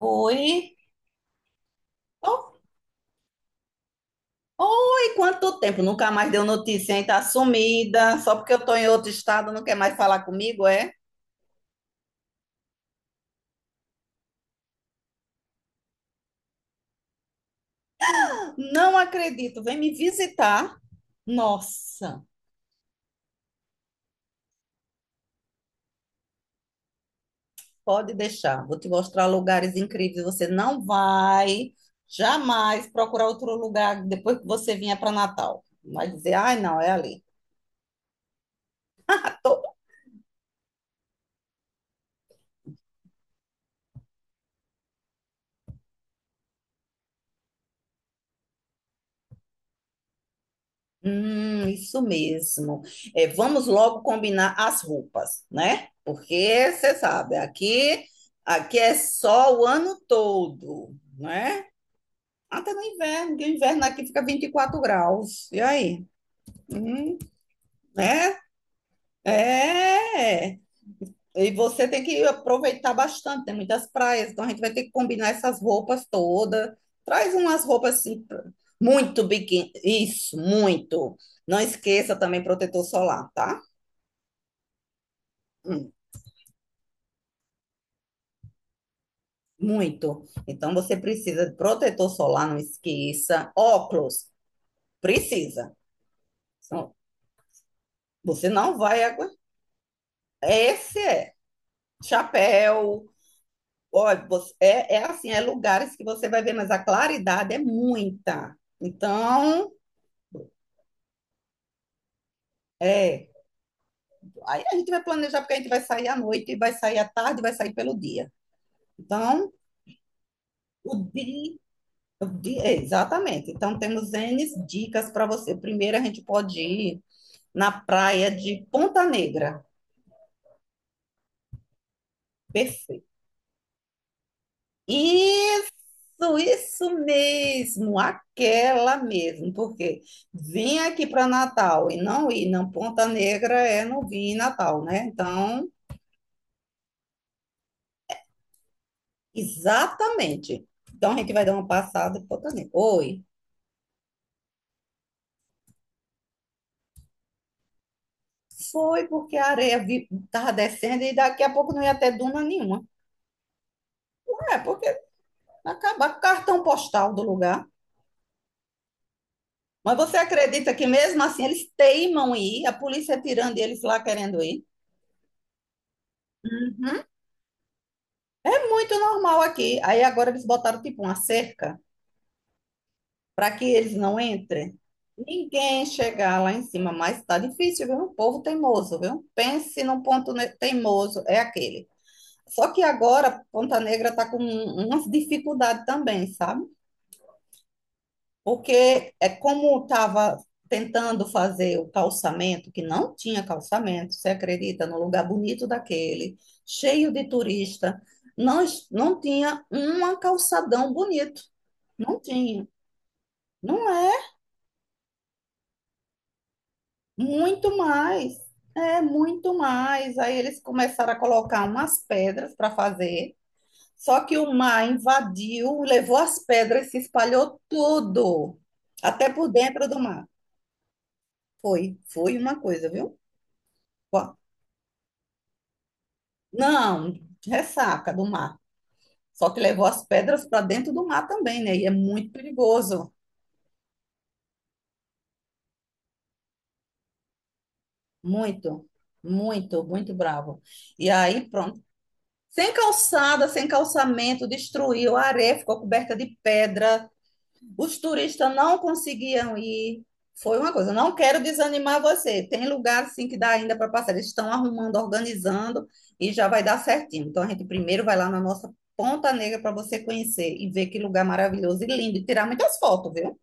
Oi. Oh, oi, quanto tempo? Nunca mais deu notícia, hein? Tá sumida. Só porque eu tô em outro estado, não quer mais falar comigo, é? Não acredito. Vem me visitar. Nossa, pode deixar. Vou te mostrar lugares incríveis. Você não vai jamais procurar outro lugar depois que você vinha para Natal. Vai dizer, ai, não, é ali. Isso mesmo. É, vamos logo combinar as roupas, né? Porque você sabe, aqui é só o ano todo, né? Até no inverno, que o inverno aqui fica 24 graus. E aí? Hum, né? É. E você tem que aproveitar bastante, tem muitas praias, então a gente vai ter que combinar essas roupas todas. Traz umas roupas assim, muito biquíni, isso, muito. Não esqueça também protetor solar, tá? Hum, muito. Então você precisa de protetor solar, não esqueça. Óculos, precisa. Senão você não vai aguentar. Esse é. Chapéu. É assim, é lugares que você vai ver, mas a claridade é muita. Então, é. Aí a gente vai planejar, porque a gente vai sair à noite, vai sair à tarde, vai sair pelo dia. Então, o dia. Exatamente. Então, temos N dicas para você. Primeiro, a gente pode ir na praia de Ponta Negra. Perfeito. Isso, isso mesmo, aquela mesmo, porque vim aqui para Natal e não ir, não, Ponta Negra é não vim em Natal, né? Então, exatamente. Então a gente vai dar uma passada em Ponta Negra. Oi. Foi porque a areia estava descendo e daqui a pouco não ia ter duna nenhuma. É, porque acabar com o cartão postal do lugar. Mas você acredita que mesmo assim eles teimam em ir, a polícia tirando e eles lá querendo ir? Uhum. É muito normal aqui. Aí agora eles botaram tipo uma cerca para que eles não entrem. Ninguém chegar lá em cima, mas tá difícil, viu? O povo teimoso, viu? Pense num teimoso, é aquele. Só que agora Ponta Negra tá com umas dificuldades também, sabe? Porque é como estava tentando fazer o calçamento, que não tinha calçamento, você acredita, no lugar bonito daquele, cheio de turista, não, não tinha um calçadão bonito. Não tinha. Não é muito mais. É muito mais. Aí eles começaram a colocar umas pedras para fazer. Só que o mar invadiu, levou as pedras, se espalhou tudo, até por dentro do mar. Foi uma coisa, viu? Não, ressaca do mar. Só que levou as pedras para dentro do mar também, né? E é muito perigoso. Muito, muito, muito bravo. E aí, pronto. Sem calçada, sem calçamento, destruiu a areia, ficou coberta de pedra. Os turistas não conseguiam ir. Foi uma coisa. Não quero desanimar você. Tem lugar sim que dá ainda para passar. Eles estão arrumando, organizando e já vai dar certinho. Então a gente primeiro vai lá na nossa Ponta Negra para você conhecer e ver que lugar maravilhoso e lindo e tirar muitas fotos, viu?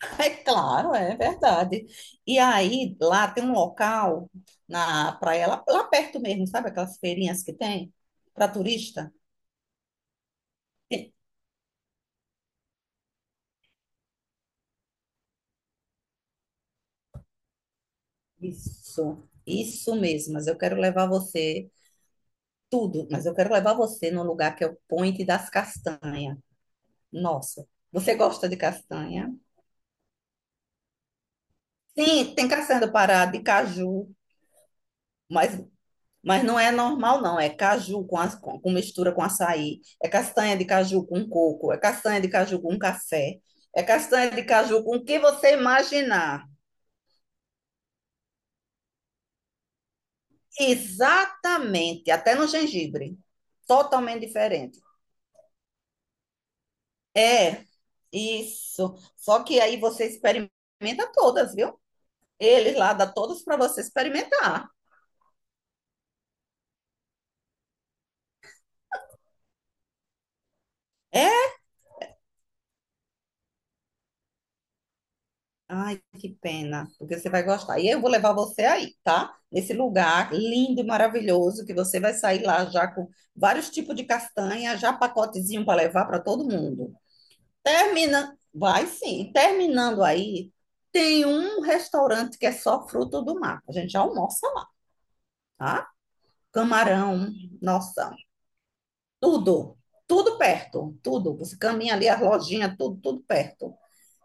É claro, é verdade. E aí lá tem um local na praia lá perto mesmo, sabe aquelas feirinhas que tem para turista? Isso mesmo. Mas eu quero levar você tudo, mas eu quero levar você num lugar que é o Point das Castanhas. Nossa, você gosta de castanha? Sim, tem castanha do Pará, de caju, mas, mas não é normal, não. É caju com mistura com açaí, é castanha de caju com coco, é castanha de caju com café, é castanha de caju com o que você imaginar. Exatamente, até no gengibre. Totalmente diferente. É, isso. Só que aí você experimenta todas, viu? Ele lá dá todos para você experimentar. É? Ai, que pena, porque você vai gostar. E eu vou levar você aí, tá? Nesse lugar lindo e maravilhoso, que você vai sair lá já com vários tipos de castanha, já pacotezinho para levar para todo mundo. Termina, vai sim. Terminando aí, tem um restaurante que é só fruto do mar. A gente já almoça lá, tá? Camarão, nossa, tudo, tudo perto, tudo. Você caminha ali, as lojinhas, tudo, tudo perto.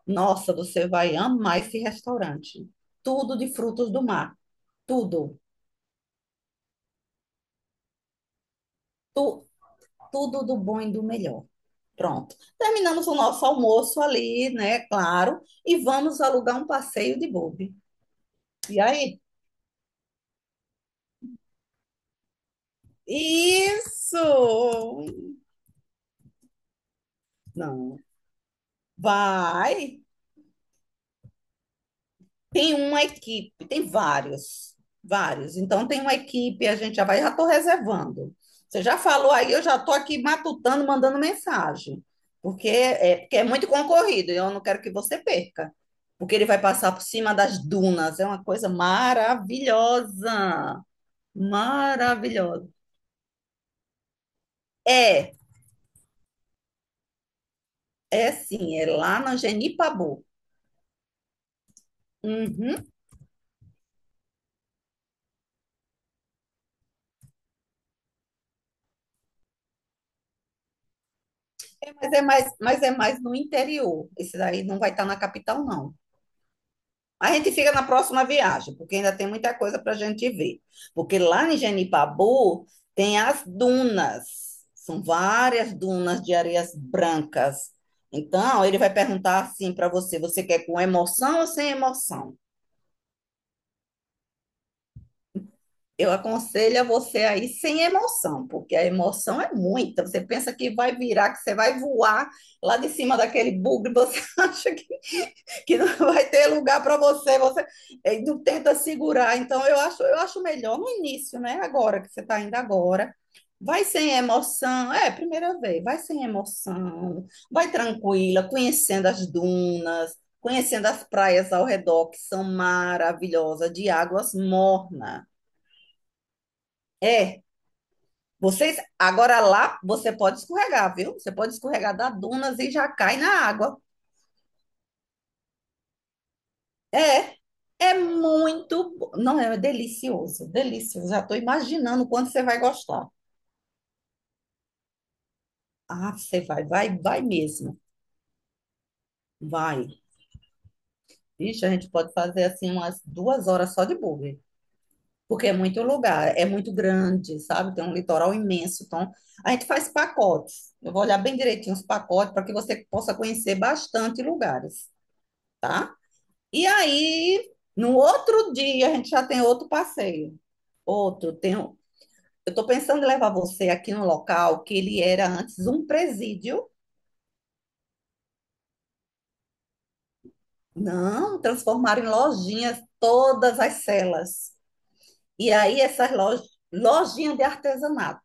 Nossa, você vai amar esse restaurante. Tudo de frutos do mar. Tudo. Tu- tudo do bom e do melhor. Pronto. Terminamos o nosso almoço ali, né? Claro. E vamos alugar um passeio de buggy. E aí? Isso! Não. Vai. Tem uma equipe, tem vários, vários. Então tem uma equipe, a gente já vai, já estou reservando. Você já falou aí, eu já estou aqui matutando, mandando mensagem, porque é muito concorrido, e eu não quero que você perca, porque ele vai passar por cima das dunas, é uma coisa maravilhosa, maravilhosa. É, é sim, é lá na Genipabu. Uhum. Mas é mais no interior. Esse daí não vai estar na capital, não. A gente fica na próxima viagem, porque ainda tem muita coisa para a gente ver. Porque lá em Genipabu tem as dunas, são várias dunas de areias brancas. Então, ele vai perguntar assim para você: você quer com emoção ou sem emoção? Eu aconselho a você aí sem emoção, porque a emoção é muita. Você pensa que vai virar, que você vai voar lá de cima daquele bugre, você acha que não vai ter lugar para você, você não tenta segurar. Então, eu acho melhor no início, né? Agora que você está indo agora. Vai sem emoção, é, primeira vez, vai sem emoção, vai tranquila, conhecendo as dunas, conhecendo as praias ao redor, que são maravilhosas, de águas mornas. É vocês, agora lá, você pode escorregar, viu? Você pode escorregar da dunas e já cai na água. É, é muito, não, é delicioso, delicioso. Já estou imaginando o quanto você vai gostar. Ah, você vai, vai, vai mesmo, vai. Vixe, a gente pode fazer assim umas 2 horas só de buggy, porque é muito lugar, é muito grande, sabe? Tem um litoral imenso, então a gente faz pacotes. Eu vou olhar bem direitinho os pacotes para que você possa conhecer bastante lugares. E aí, no outro dia, a gente já tem outro passeio. Outro, tem, um- eu estou pensando em levar você aqui num local que ele era antes um presídio. Não, transformaram em lojinhas todas as celas. E aí, essas lojas, lojinha de artesanato.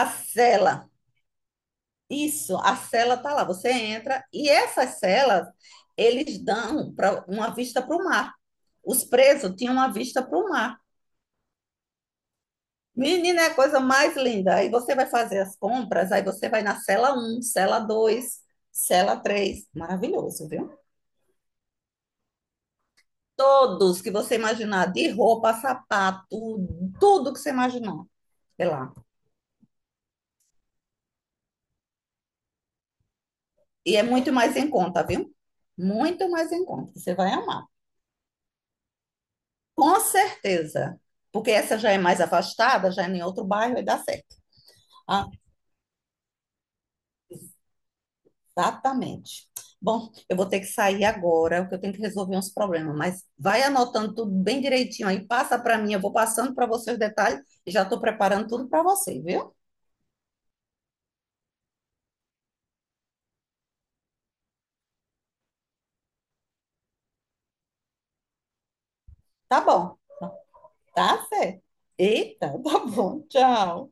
A cela, isso, a cela tá lá. Você entra e essas celas, eles dão para uma vista para o mar. Os presos tinham uma vista para o mar. Menina, é a coisa mais linda. Aí você vai fazer as compras, aí você vai na cela um, cela 2, cela 3, maravilhoso, viu? Todos que você imaginar, de roupa, sapato, tudo que você imaginar, sei lá. E é muito mais em conta, viu? Muito mais em conta. Você vai amar. Com certeza. Porque essa já é mais afastada, já é em outro bairro e dá certo. Exatamente. Bom, eu vou ter que sair agora, porque eu tenho que resolver uns problemas, mas vai anotando tudo bem direitinho aí, passa para mim, eu vou passando para você os detalhes e já estou preparando tudo para você, viu? Tá bom, tá, Fê? Eita, tá bom, tchau.